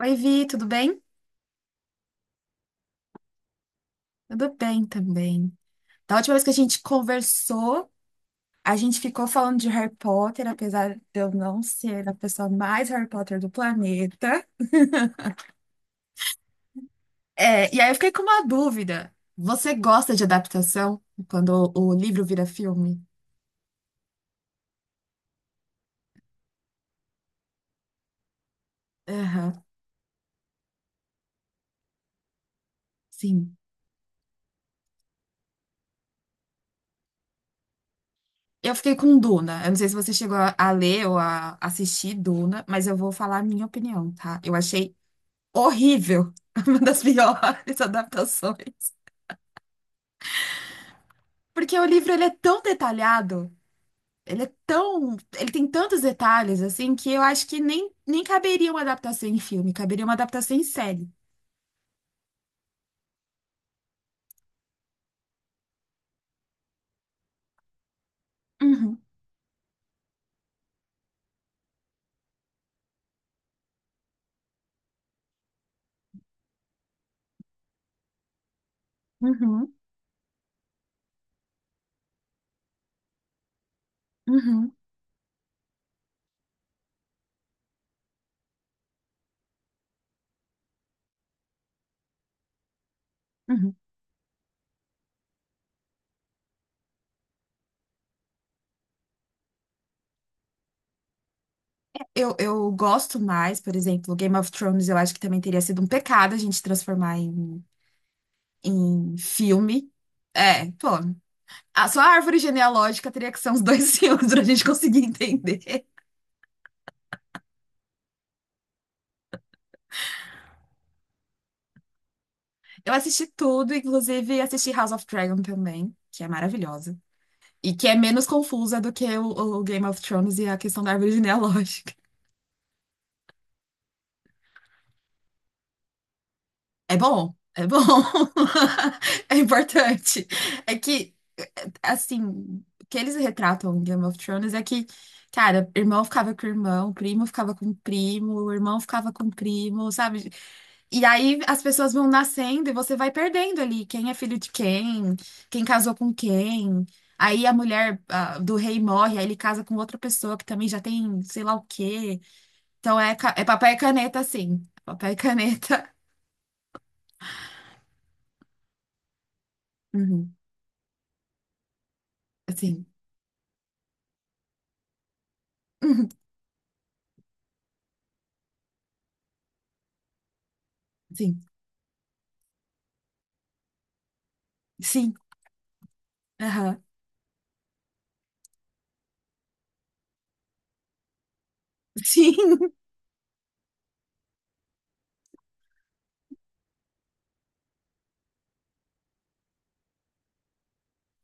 Oi, Vi, tudo bem? Tudo bem também. Da última vez que a gente conversou, a gente ficou falando de Harry Potter, apesar de eu não ser a pessoa mais Harry Potter do planeta. É, e aí eu fiquei com uma dúvida. Você gosta de adaptação quando o livro vira filme? Aham, sim. Eu fiquei com Duna. Eu não sei se você chegou a ler ou a assistir Duna, mas eu vou falar a minha opinião, tá? Eu achei horrível, uma das piores adaptações. Porque o livro ele é tão detalhado, ele é tão, ele tem tantos detalhes assim que eu acho que nem caberia uma adaptação em filme, caberia uma adaptação em série. Uhum, uhum, uhum, uhum. Eu gosto mais, por exemplo, Game of Thrones, eu acho que também teria sido um pecado a gente transformar em, em filme. É, pô, a, só a árvore genealógica teria que ser uns dois filmes pra gente conseguir entender. Eu assisti tudo, inclusive assisti House of Dragon também, que é maravilhosa. E que é menos confusa do que o Game of Thrones e a questão da árvore genealógica. É bom, é bom. É importante. É que, assim, o que eles retratam em Game of Thrones é que, cara, irmão ficava com irmão, primo ficava com primo, irmão ficava com primo, sabe? E aí as pessoas vão nascendo e você vai perdendo ali quem é filho de quem, quem casou com quem. Aí a mulher, ah, do rei morre, aí ele casa com outra pessoa que também já tem sei lá o quê. Então é, é papel e caneta, sim. Papel e caneta. Uhum. Sim. Uhum. Sim. Sim. Aham. Sim.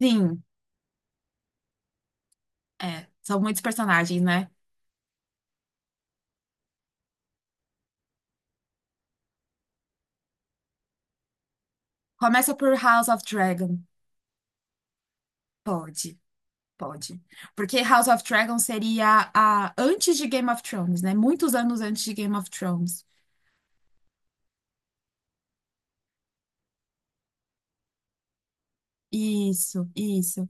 Sim. É. São muitos personagens, né? Começa por House of Dragon. Pode. Pode. Porque House of Dragon seria a antes de Game of Thrones, né? Muitos anos antes de Game of Thrones. Isso, isso.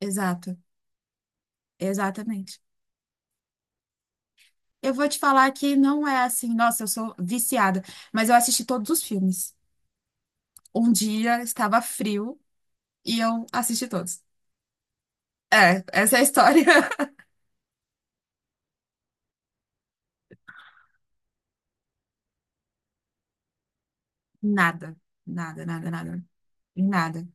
Exato. Exatamente. Eu vou te falar que não é assim, nossa, eu sou viciada, mas eu assisti todos os filmes. Um dia estava frio. E eu assisti todos. É, essa é a história. Nada, nada, nada, nada, nada.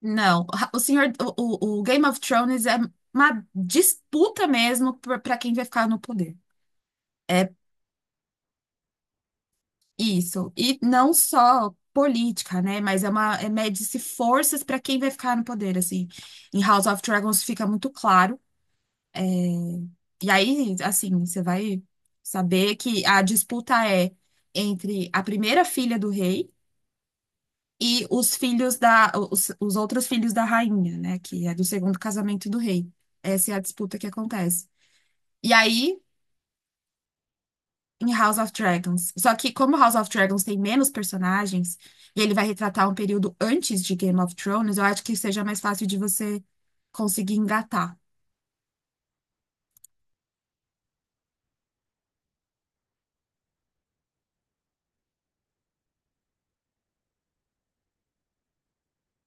Não, o senhor, o, o Game of Thrones é uma disputa mesmo para quem vai ficar no poder. É isso. E não só política, né? Mas é uma, é mede-se forças para quem vai ficar no poder, assim. Em House of Dragons fica muito claro. É, e aí, assim, você vai saber que a disputa é entre a primeira filha do rei e os filhos da, os outros filhos da rainha, né? Que é do segundo casamento do rei. Essa é a disputa que acontece. E aí, em House of Dragons. Só que como House of Dragons tem menos personagens, e ele vai retratar um período antes de Game of Thrones, eu acho que seja mais fácil de você conseguir engatar.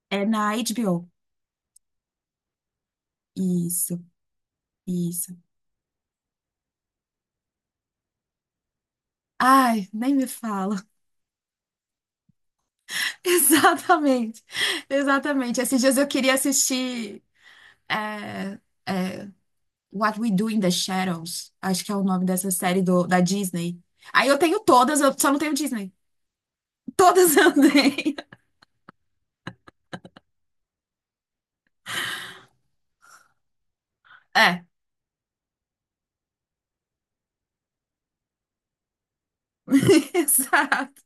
É na HBO. Isso, isso. Ai, nem me fala. Exatamente, exatamente. Esses dias eu queria assistir. é é, What We Do in the Shadows, acho que é o nome dessa série do, da Disney. Aí eu tenho todas, eu só não tenho Disney. Todas eu tenho. É, exato.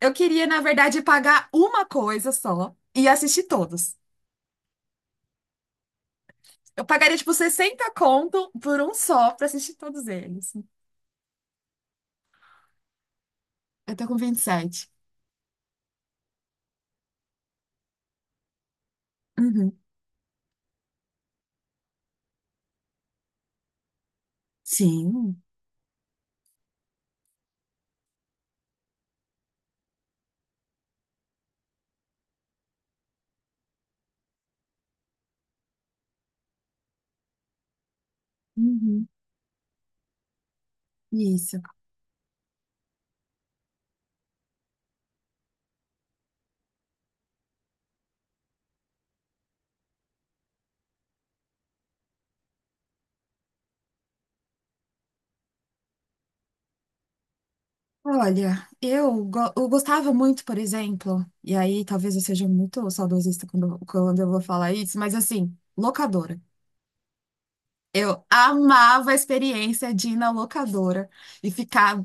Eu queria, na verdade, pagar uma coisa só e assistir todos. Eu pagaria, tipo, 60 conto por um só pra assistir todos eles. Eu tô com 27. Uhum. Sim. Uhum. Isso. Olha, eu, eu gostava muito, por exemplo, e aí talvez eu seja muito saudosista quando, quando eu vou falar isso, mas assim, locadora. Eu amava a experiência de ir na locadora e ficar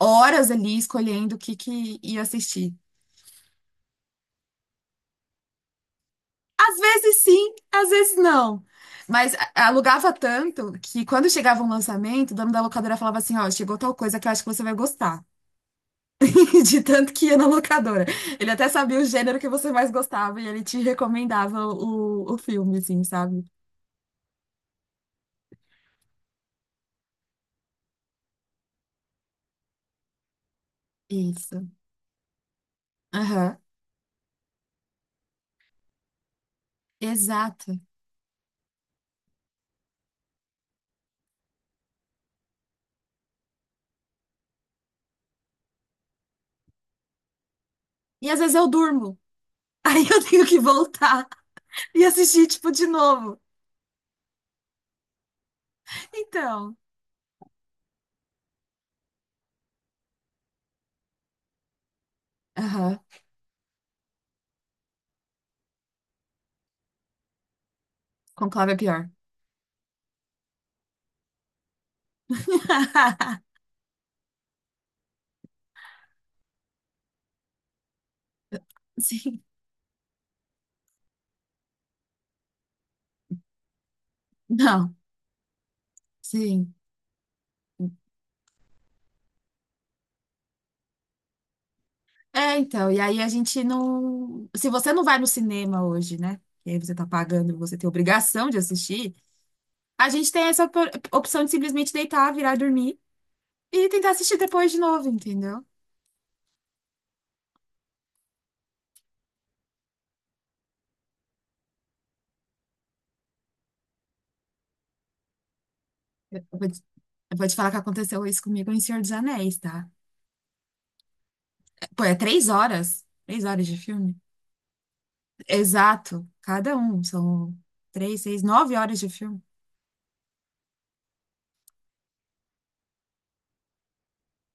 horas ali escolhendo o que, que ia assistir. Às vezes sim, às vezes não. Mas alugava tanto que quando chegava um lançamento, o dono da locadora falava assim: ó, chegou tal coisa que eu acho que você vai gostar. De tanto que ia na locadora. Ele até sabia o gênero que você mais gostava e ele te recomendava o filme, assim, sabe? Isso. Aham. Exato. E às vezes eu durmo. Aí eu tenho que voltar e assistir, tipo, de novo. Então. Aham. Conclave é pior. Sim. Não. Sim. É, então. E aí a gente não. Se você não vai no cinema hoje, né? E aí você tá pagando, você tem obrigação de assistir. A gente tem essa opção de simplesmente deitar, virar e dormir. E tentar assistir depois de novo, entendeu? Eu vou te, eu vou te falar que aconteceu isso comigo em Senhor dos Anéis, tá? É, pô, é três horas. Três horas de filme? Exato. Cada um. São três, seis, nove horas de filme.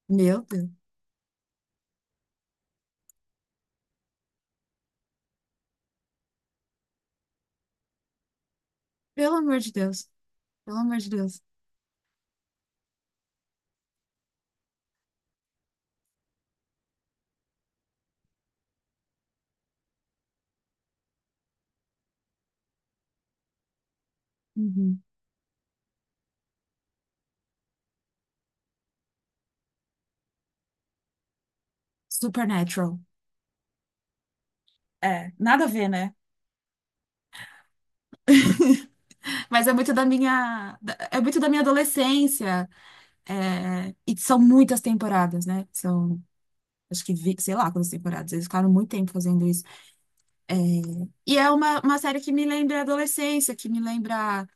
Meu Deus. Pelo amor de Deus. Pelo amor de Deus. Uhum. Supernatural. É, nada a ver, né? Mas é muito da minha, é muito da minha adolescência. É, e são muitas temporadas, né? São, acho que, sei lá quantas temporadas. Eles ficaram muito tempo fazendo isso. E é uma série que me lembra a adolescência, que me lembra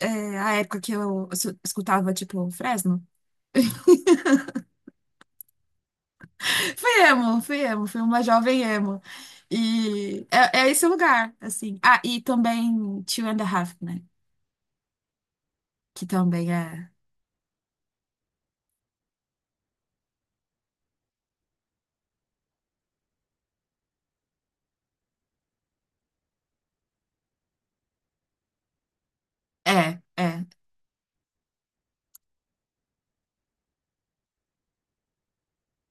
é, a época que eu escutava, tipo, Fresno. Fui emo, fui emo, fui uma jovem emo. E é, é esse lugar, assim. Ah, e também Two and a Half, né? Que também é. É, é,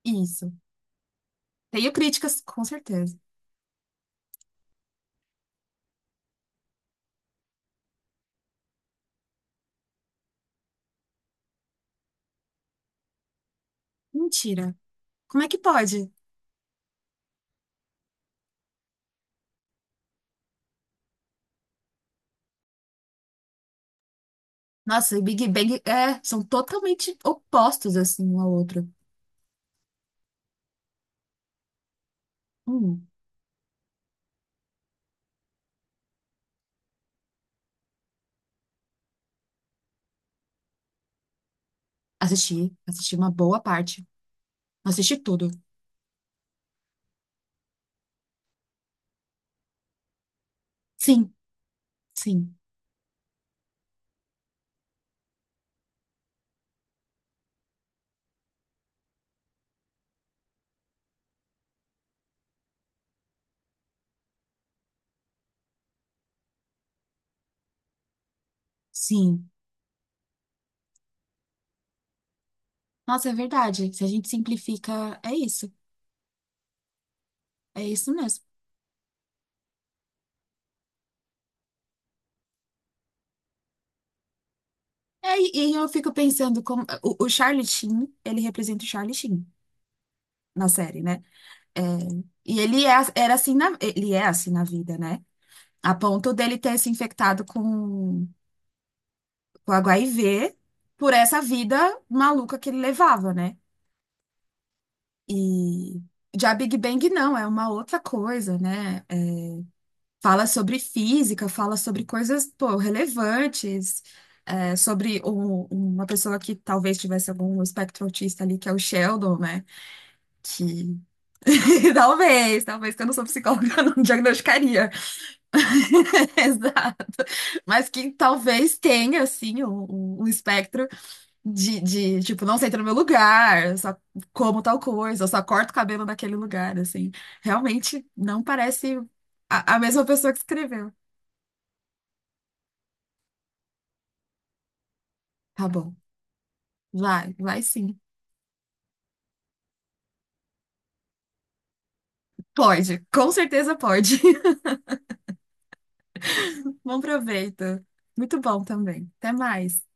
isso. Tenho críticas, com certeza. Mentira. Como é que pode? Nossa, e Big Bang é, são totalmente opostos, assim, um ao outro. Hum, assisti, assisti uma boa parte. Assisti tudo. Sim, sim. Sim. Nossa, é verdade. Se a gente simplifica, é isso. É isso mesmo. É, e eu fico pensando como o Charlie Sheen, ele representa o Charlie Sheen na série, né? É, e ele é, era assim na, ele é assim na vida, né? A ponto dele ter se infectado com HIV por essa vida maluca que ele levava, né? E já Big Bang não, é uma outra coisa, né? É, fala sobre física, fala sobre coisas, pô, relevantes, é, sobre uma pessoa que talvez tivesse algum espectro autista ali, que é o Sheldon, né? Que talvez, talvez, que eu não sou psicóloga, eu não diagnosticaria. Exato. Mas que talvez tenha, assim, um, um espectro de, tipo, não senta no meu lugar, eu só como tal coisa, eu só corto o cabelo naquele lugar, assim. Realmente não parece a mesma pessoa que escreveu. Tá bom. Vai, vai sim. Pode, com certeza pode. Bom proveito. Muito bom também. Até mais.